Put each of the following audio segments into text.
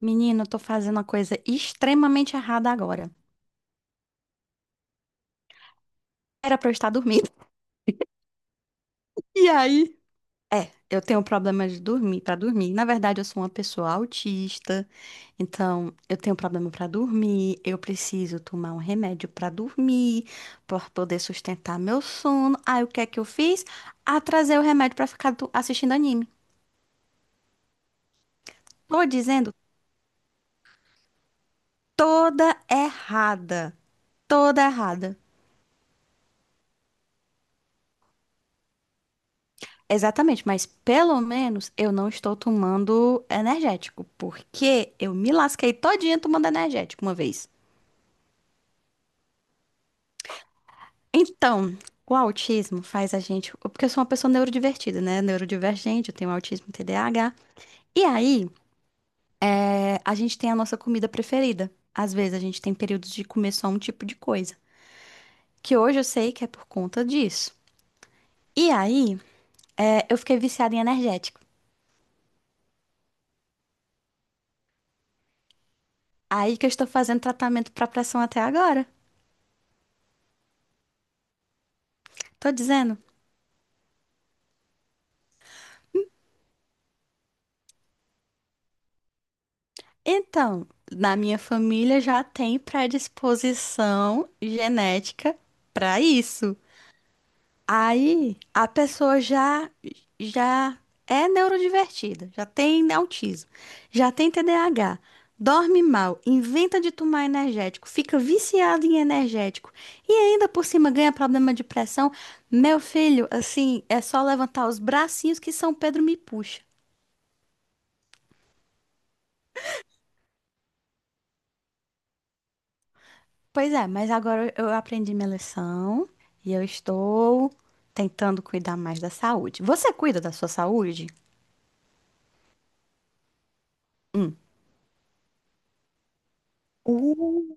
Menino, eu tô fazendo uma coisa extremamente errada agora. Era pra eu estar dormindo. E aí? Eu tenho problema de dormir, pra dormir. Na verdade, eu sou uma pessoa autista, então eu tenho problema pra dormir. Eu preciso tomar um remédio pra dormir, pra poder sustentar meu sono. Aí, o que é que eu fiz? Atrasei o remédio pra ficar assistindo anime. Tô dizendo toda errada. Toda errada. Exatamente, mas pelo menos eu não estou tomando energético, porque eu me lasquei todinha tomando energético uma vez. Então, o autismo faz a gente. Porque eu sou uma pessoa neurodivertida, né? Neurodivergente, eu tenho autismo TDAH. E aí, a gente tem a nossa comida preferida. Às vezes a gente tem períodos de comer só um tipo de coisa. Que hoje eu sei que é por conta disso. E aí, eu fiquei viciada em energético. Aí que eu estou fazendo tratamento para pressão até agora. Tô dizendo. Então, na minha família já tem predisposição genética para isso. Aí a pessoa já é neurodivertida, já tem autismo, já tem TDAH, dorme mal, inventa de tomar energético, fica viciado em energético e ainda por cima ganha problema de pressão. Meu filho, assim, é só levantar os bracinhos que São Pedro me puxa. Pois é, mas agora eu aprendi minha lição e eu estou tentando cuidar mais da saúde. Você cuida da sua saúde? Hum. Uh,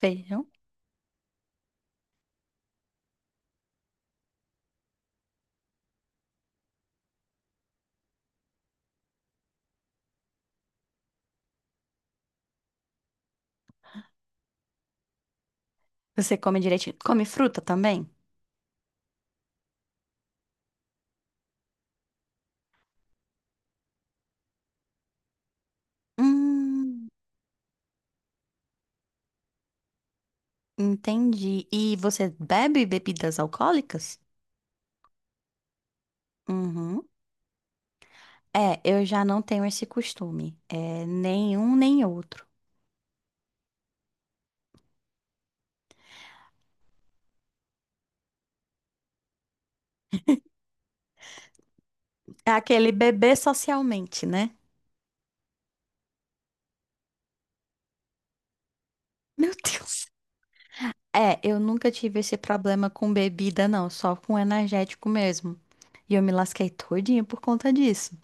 feijão. Você come direitinho? Come fruta também? Hum, entendi. E você bebe bebidas alcoólicas? Uhum. É, eu já não tenho esse costume. É, nenhum nem outro. É aquele beber socialmente, né? Meu Deus. É, eu nunca tive esse problema com bebida, não, só com energético mesmo. E eu me lasquei todinha por conta disso.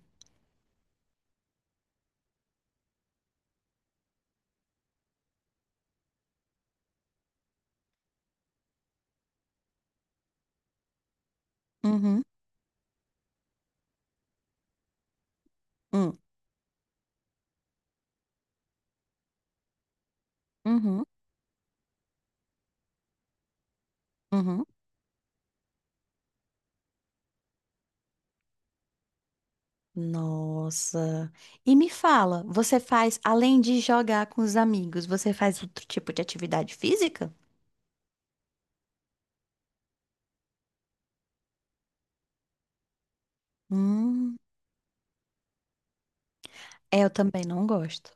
Uhum, hum, uhum, uhum. Nossa. E me fala, você faz, além de jogar com os amigos, você faz outro tipo de atividade física? Hum, é, eu também não gosto.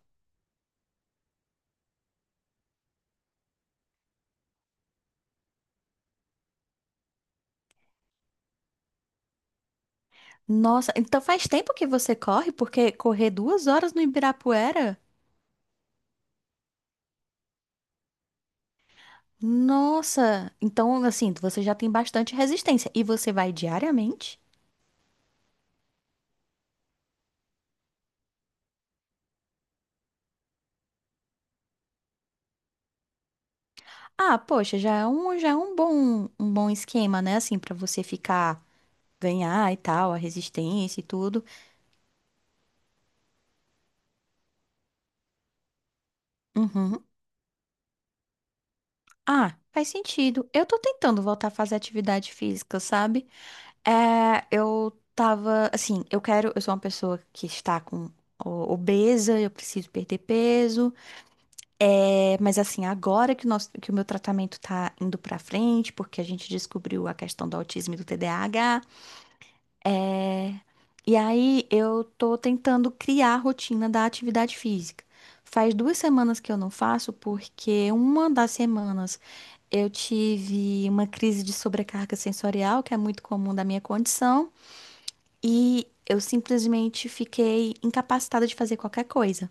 Nossa, então faz tempo que você corre, porque correr 2 horas no Ibirapuera? Nossa, então assim, você já tem bastante resistência. E você vai diariamente? Ah, poxa, já é um bom esquema, né? Assim, pra você ficar, ganhar e tal, a resistência e tudo. Uhum. Ah, faz sentido. Eu tô tentando voltar a fazer atividade física, sabe? É, eu tava, assim, eu quero, eu sou uma pessoa que está com obesa, eu preciso perder peso. É, mas assim, agora que o nosso, que o meu tratamento tá indo pra frente, porque a gente descobriu a questão do autismo e do TDAH. É, E aí eu tô tentando criar a rotina da atividade física. Faz duas semanas que eu não faço, porque uma das semanas eu tive uma crise de sobrecarga sensorial, que é muito comum da minha condição, e eu simplesmente fiquei incapacitada de fazer qualquer coisa.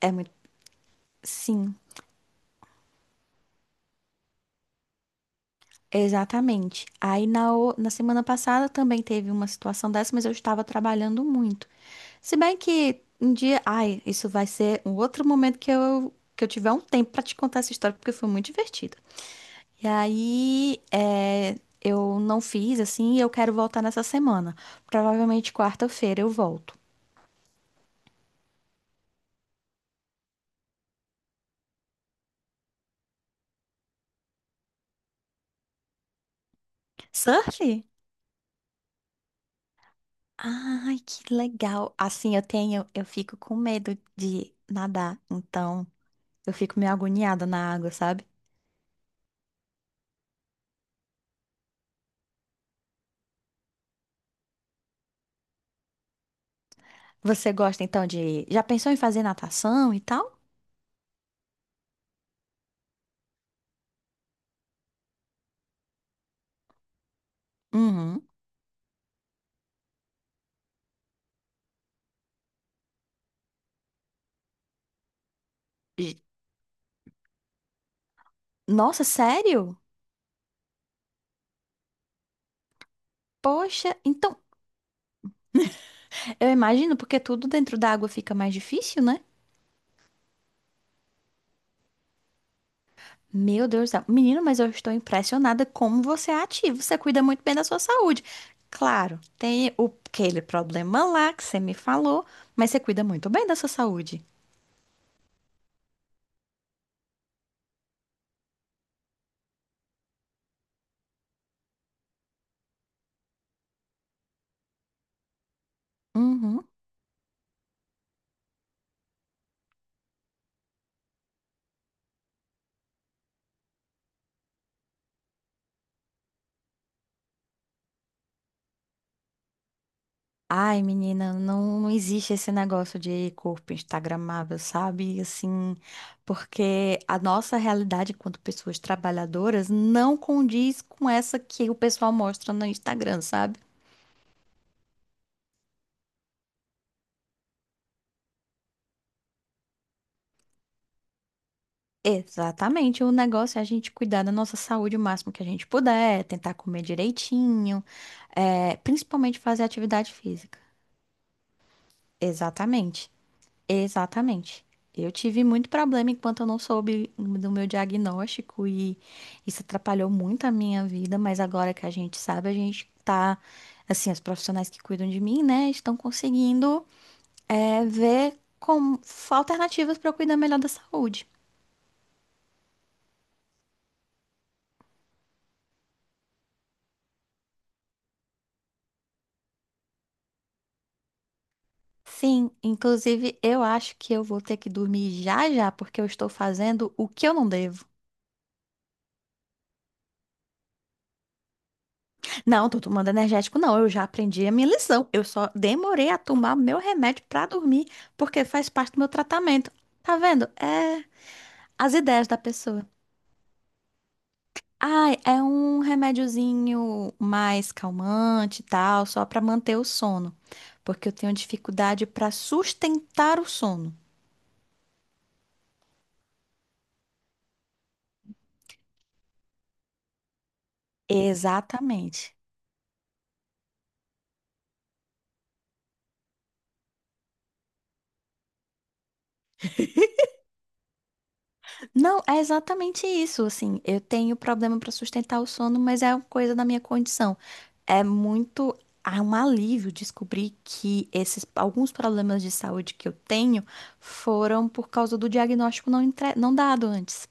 É muito. Sim, exatamente. Na semana passada também teve uma situação dessa, mas eu estava trabalhando muito. Se bem que um dia, ai, isso vai ser um outro momento que eu tiver um tempo pra te contar essa história porque foi muito divertido. E aí, eu não fiz assim, e eu quero voltar nessa semana. Provavelmente quarta-feira eu volto. Surf? Ai, que legal. Assim, eu tenho, eu fico com medo de nadar, então eu fico meio agoniada na água, sabe? Você gosta então de, já pensou em fazer natação e tal? Uhum. J- Nossa, sério? Poxa, então eu imagino, porque tudo dentro da água fica mais difícil, né? Meu Deus do céu. Menino, mas eu estou impressionada como você é ativo. Você cuida muito bem da sua saúde. Claro, tem aquele problema lá que você me falou, mas você cuida muito bem da sua saúde. Uhum. Ai, menina, não, não existe esse negócio de corpo instagramável, sabe? Assim, porque a nossa realidade enquanto pessoas trabalhadoras não condiz com essa que o pessoal mostra no Instagram, sabe? Exatamente, o negócio é a gente cuidar da nossa saúde o máximo que a gente puder, tentar comer direitinho, principalmente fazer atividade física. Exatamente, exatamente. Eu tive muito problema enquanto eu não soube do meu diagnóstico e isso atrapalhou muito a minha vida, mas agora que a gente sabe, a gente tá, assim, os profissionais que cuidam de mim, né, estão conseguindo, ver como alternativas para eu cuidar melhor da saúde. Sim, inclusive eu acho que eu vou ter que dormir já já, porque eu estou fazendo o que eu não devo. Não, tô tomando energético, não. Eu já aprendi a minha lição. Eu só demorei a tomar meu remédio pra dormir, porque faz parte do meu tratamento. Tá vendo? É as ideias da pessoa. Ai, é um remédiozinho mais calmante e tal, só pra manter o sono, porque eu tenho dificuldade pra sustentar o sono. Exatamente. Não, é exatamente isso, assim, eu tenho problema para sustentar o sono, mas é uma coisa da minha condição. É muito, é um alívio descobrir que esses alguns problemas de saúde que eu tenho foram por causa do diagnóstico não dado antes.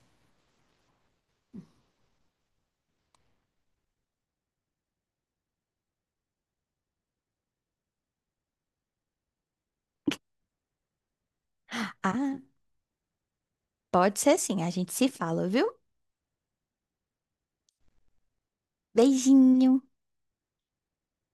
Ah, pode ser sim, a gente se fala, viu? Beijinho.